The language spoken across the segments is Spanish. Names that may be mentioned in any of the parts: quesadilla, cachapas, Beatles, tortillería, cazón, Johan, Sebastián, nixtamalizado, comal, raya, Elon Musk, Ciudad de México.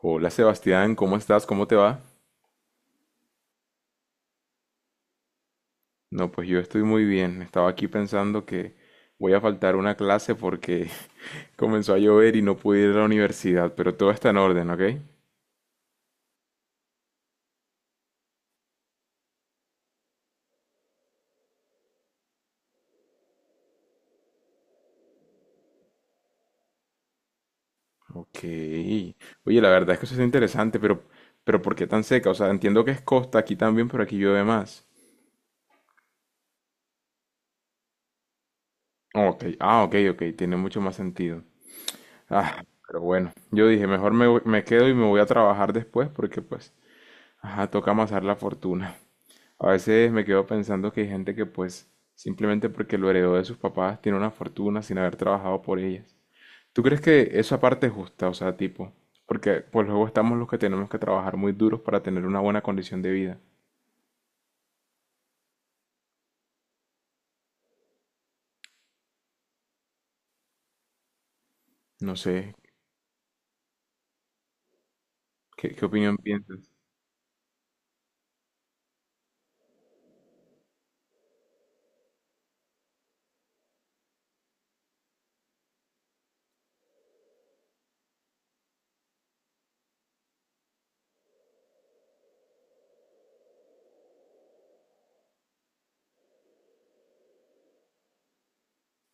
Hola Sebastián, ¿cómo estás? ¿Cómo te va? No, pues yo estoy muy bien. Estaba aquí pensando que voy a faltar una clase porque comenzó a llover y no pude ir a la universidad, pero todo está en orden, ¿ok? Ok. Oye, la verdad es que eso es interesante, pero ¿por qué tan seca? O sea, entiendo que es costa aquí también, pero aquí llueve más. Ok, ah, ok, ok, tiene mucho más sentido. Ah, pero bueno, yo dije, me quedo y me voy a trabajar después porque pues, ajá, toca amasar la fortuna. A veces me quedo pensando que hay gente que pues simplemente porque lo heredó de sus papás tiene una fortuna sin haber trabajado por ellas. ¿Tú crees que esa parte es justa? O sea, tipo, porque pues luego estamos los que tenemos que trabajar muy duros para tener una buena condición de vida. No sé, ¿qué opinión piensas?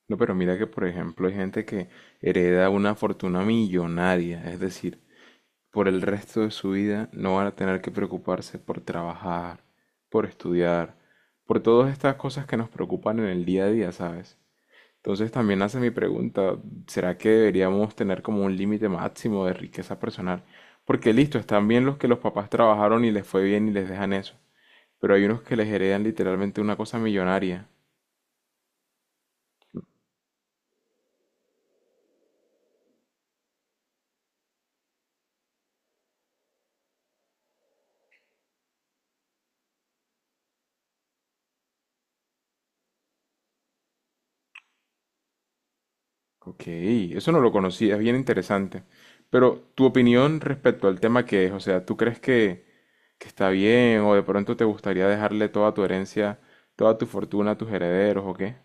No, pero mira que por ejemplo hay gente que hereda una fortuna millonaria, es decir, por el resto de su vida no van a tener que preocuparse por trabajar, por estudiar, por todas estas cosas que nos preocupan en el día a día, ¿sabes? Entonces también hace mi pregunta, ¿será que deberíamos tener como un límite máximo de riqueza personal? Porque listo, están bien los que los papás trabajaron y les fue bien y les dejan eso, pero hay unos que les heredan literalmente una cosa millonaria. Ok, eso no lo conocía, es bien interesante. Pero tu opinión respecto al tema que es, o sea, ¿tú crees que está bien o de pronto te gustaría dejarle toda tu herencia, toda tu fortuna a tus herederos o qué?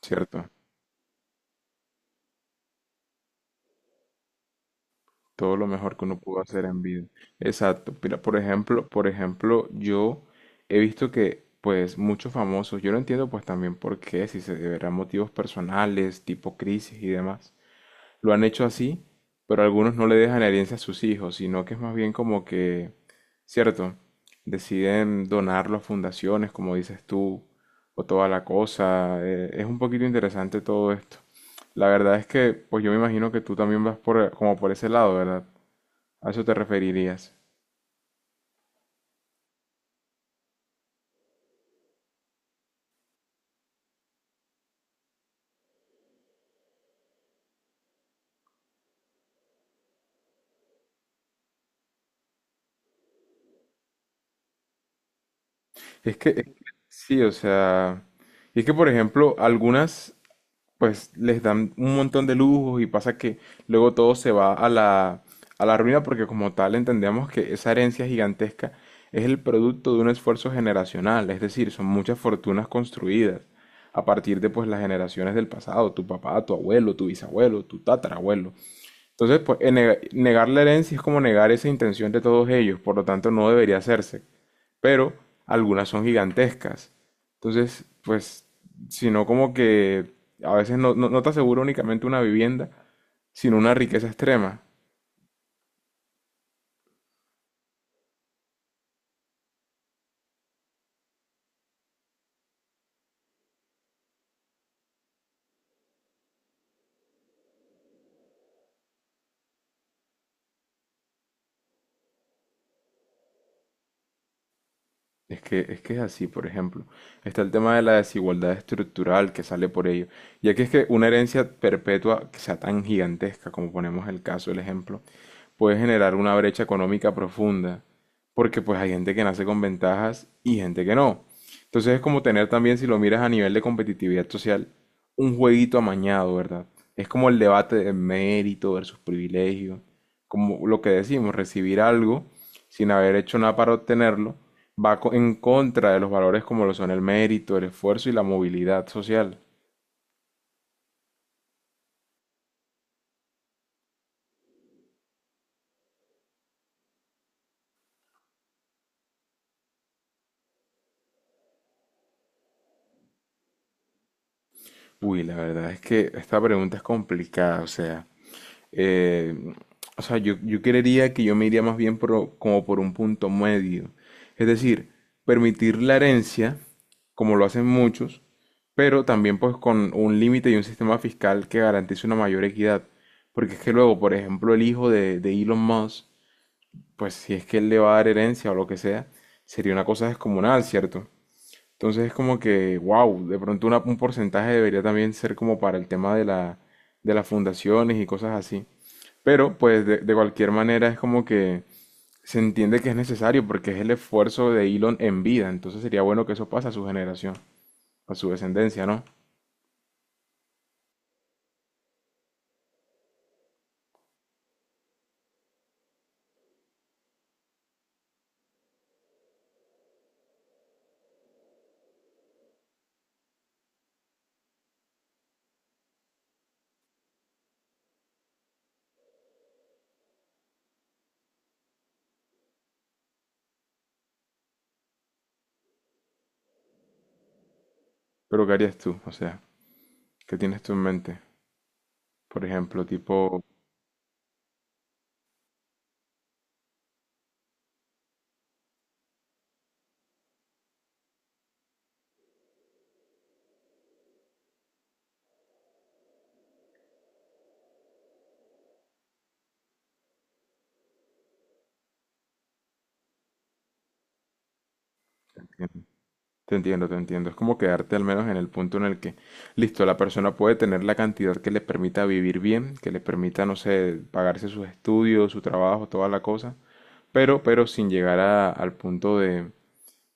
Cierto, todo lo mejor que uno pudo hacer en vida. Exacto. Mira, por ejemplo, yo he visto que pues muchos famosos, yo no entiendo pues también por qué, si se deberán motivos personales, tipo crisis y demás, lo han hecho así, pero algunos no le dejan herencia a sus hijos, sino que es más bien como que, cierto, deciden donarlo a fundaciones, como dices tú, o toda la cosa. Es un poquito interesante todo esto. La verdad es que, pues yo me imagino que tú también vas por, como por ese lado, ¿verdad? A eso te referirías. Es que sí, o sea, y es que, por ejemplo, algunas, pues les dan un montón de lujos y pasa que luego todo se va a la ruina porque como tal entendemos que esa herencia gigantesca es el producto de un esfuerzo generacional, es decir, son muchas fortunas construidas a partir de pues las generaciones del pasado, tu papá, tu abuelo, tu bisabuelo, tu tatarabuelo. Entonces, pues negar la herencia es como negar esa intención de todos ellos, por lo tanto no debería hacerse pero algunas son gigantescas. Entonces, pues, sino como que a veces no te asegura únicamente una vivienda, sino una riqueza extrema. Es que es así, por ejemplo. Está el tema de la desigualdad estructural que sale por ello. Ya que es que una herencia perpetua que sea tan gigantesca, como ponemos el caso, el ejemplo, puede generar una brecha económica profunda. Porque pues hay gente que nace con ventajas y gente que no. Entonces es como tener también, si lo miras a nivel de competitividad social, un jueguito amañado, ¿verdad? Es como el debate de mérito versus privilegio. Como lo que decimos, recibir algo sin haber hecho nada para obtenerlo, en contra de los valores como lo son el mérito, el esfuerzo y la movilidad social. Uy, la verdad es que esta pregunta es complicada, eh, o sea, yo creería que yo me iría más bien como por un punto medio. Es decir, permitir la herencia, como lo hacen muchos, pero también pues con un límite y un sistema fiscal que garantice una mayor equidad. Porque es que luego, por ejemplo, el hijo de Elon Musk pues si es que él le va a dar herencia o lo que sea, sería una cosa descomunal, ¿cierto? Entonces es como que, wow, de pronto un porcentaje debería también ser como para el tema de la, de las fundaciones y cosas así. Pero pues de cualquier manera es como que se entiende que es necesario porque es el esfuerzo de Elon en vida. Entonces sería bueno que eso pase a su generación, a su descendencia, ¿no? Pero ¿qué harías tú? O sea, ¿qué tienes tú en mente? Por ejemplo, tipo... Te entiendo, te entiendo. Es como quedarte al menos en el punto en el que, listo, la persona puede tener la cantidad que le permita vivir bien, que le permita, no sé, pagarse sus estudios, su trabajo, toda la cosa, pero sin al punto de,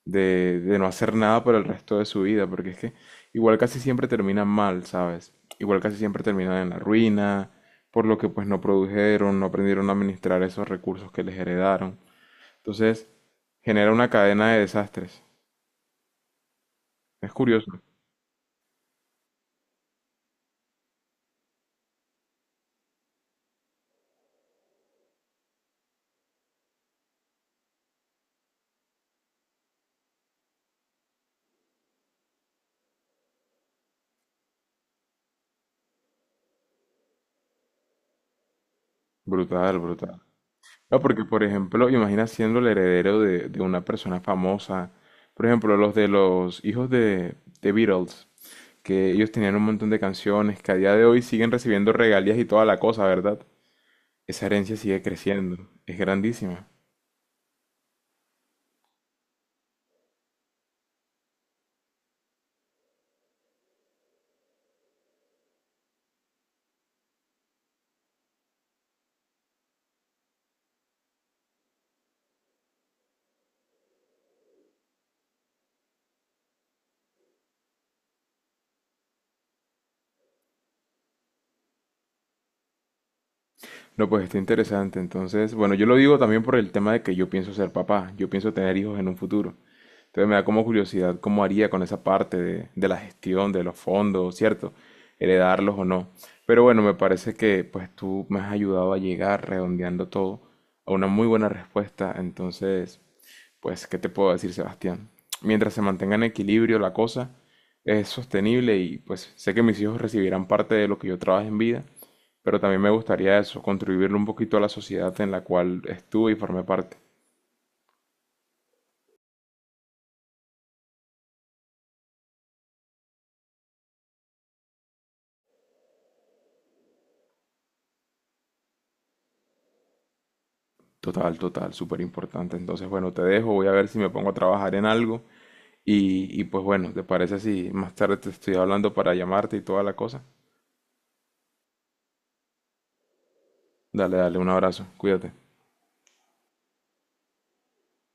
de no hacer nada por el resto de su vida, porque es que igual casi siempre termina mal, ¿sabes? Igual casi siempre terminan en la ruina, por lo que pues no produjeron, no aprendieron a administrar esos recursos que les heredaron. Entonces, genera una cadena de desastres. Es curioso. Brutal, brutal. No, porque por ejemplo, imagina siendo el heredero de una persona famosa. Por ejemplo, los de los hijos de Beatles, que ellos tenían un montón de canciones que a día de hoy siguen recibiendo regalías y toda la cosa, ¿verdad? Esa herencia sigue creciendo, es grandísima. No, pues está interesante. Entonces, bueno, yo lo digo también por el tema de que yo pienso ser papá, yo pienso tener hijos en un futuro. Entonces me da como curiosidad cómo haría con esa parte de la gestión, de los fondos, ¿cierto? Heredarlos o no. Pero bueno, me parece que pues tú me has ayudado a llegar redondeando todo a una muy buena respuesta. Entonces, pues, ¿qué te puedo decir, Sebastián? Mientras se mantenga en equilibrio la cosa, es sostenible y pues sé que mis hijos recibirán parte de lo que yo trabaje en vida, pero también me gustaría eso, contribuirle un poquito a la sociedad en la cual estuve y formé parte. Total, total, súper importante. Entonces, bueno, te dejo, voy a ver si me pongo a trabajar en algo y pues bueno, ¿te parece si más tarde te estoy hablando para llamarte y toda la cosa? Dale, dale, un abrazo, cuídate.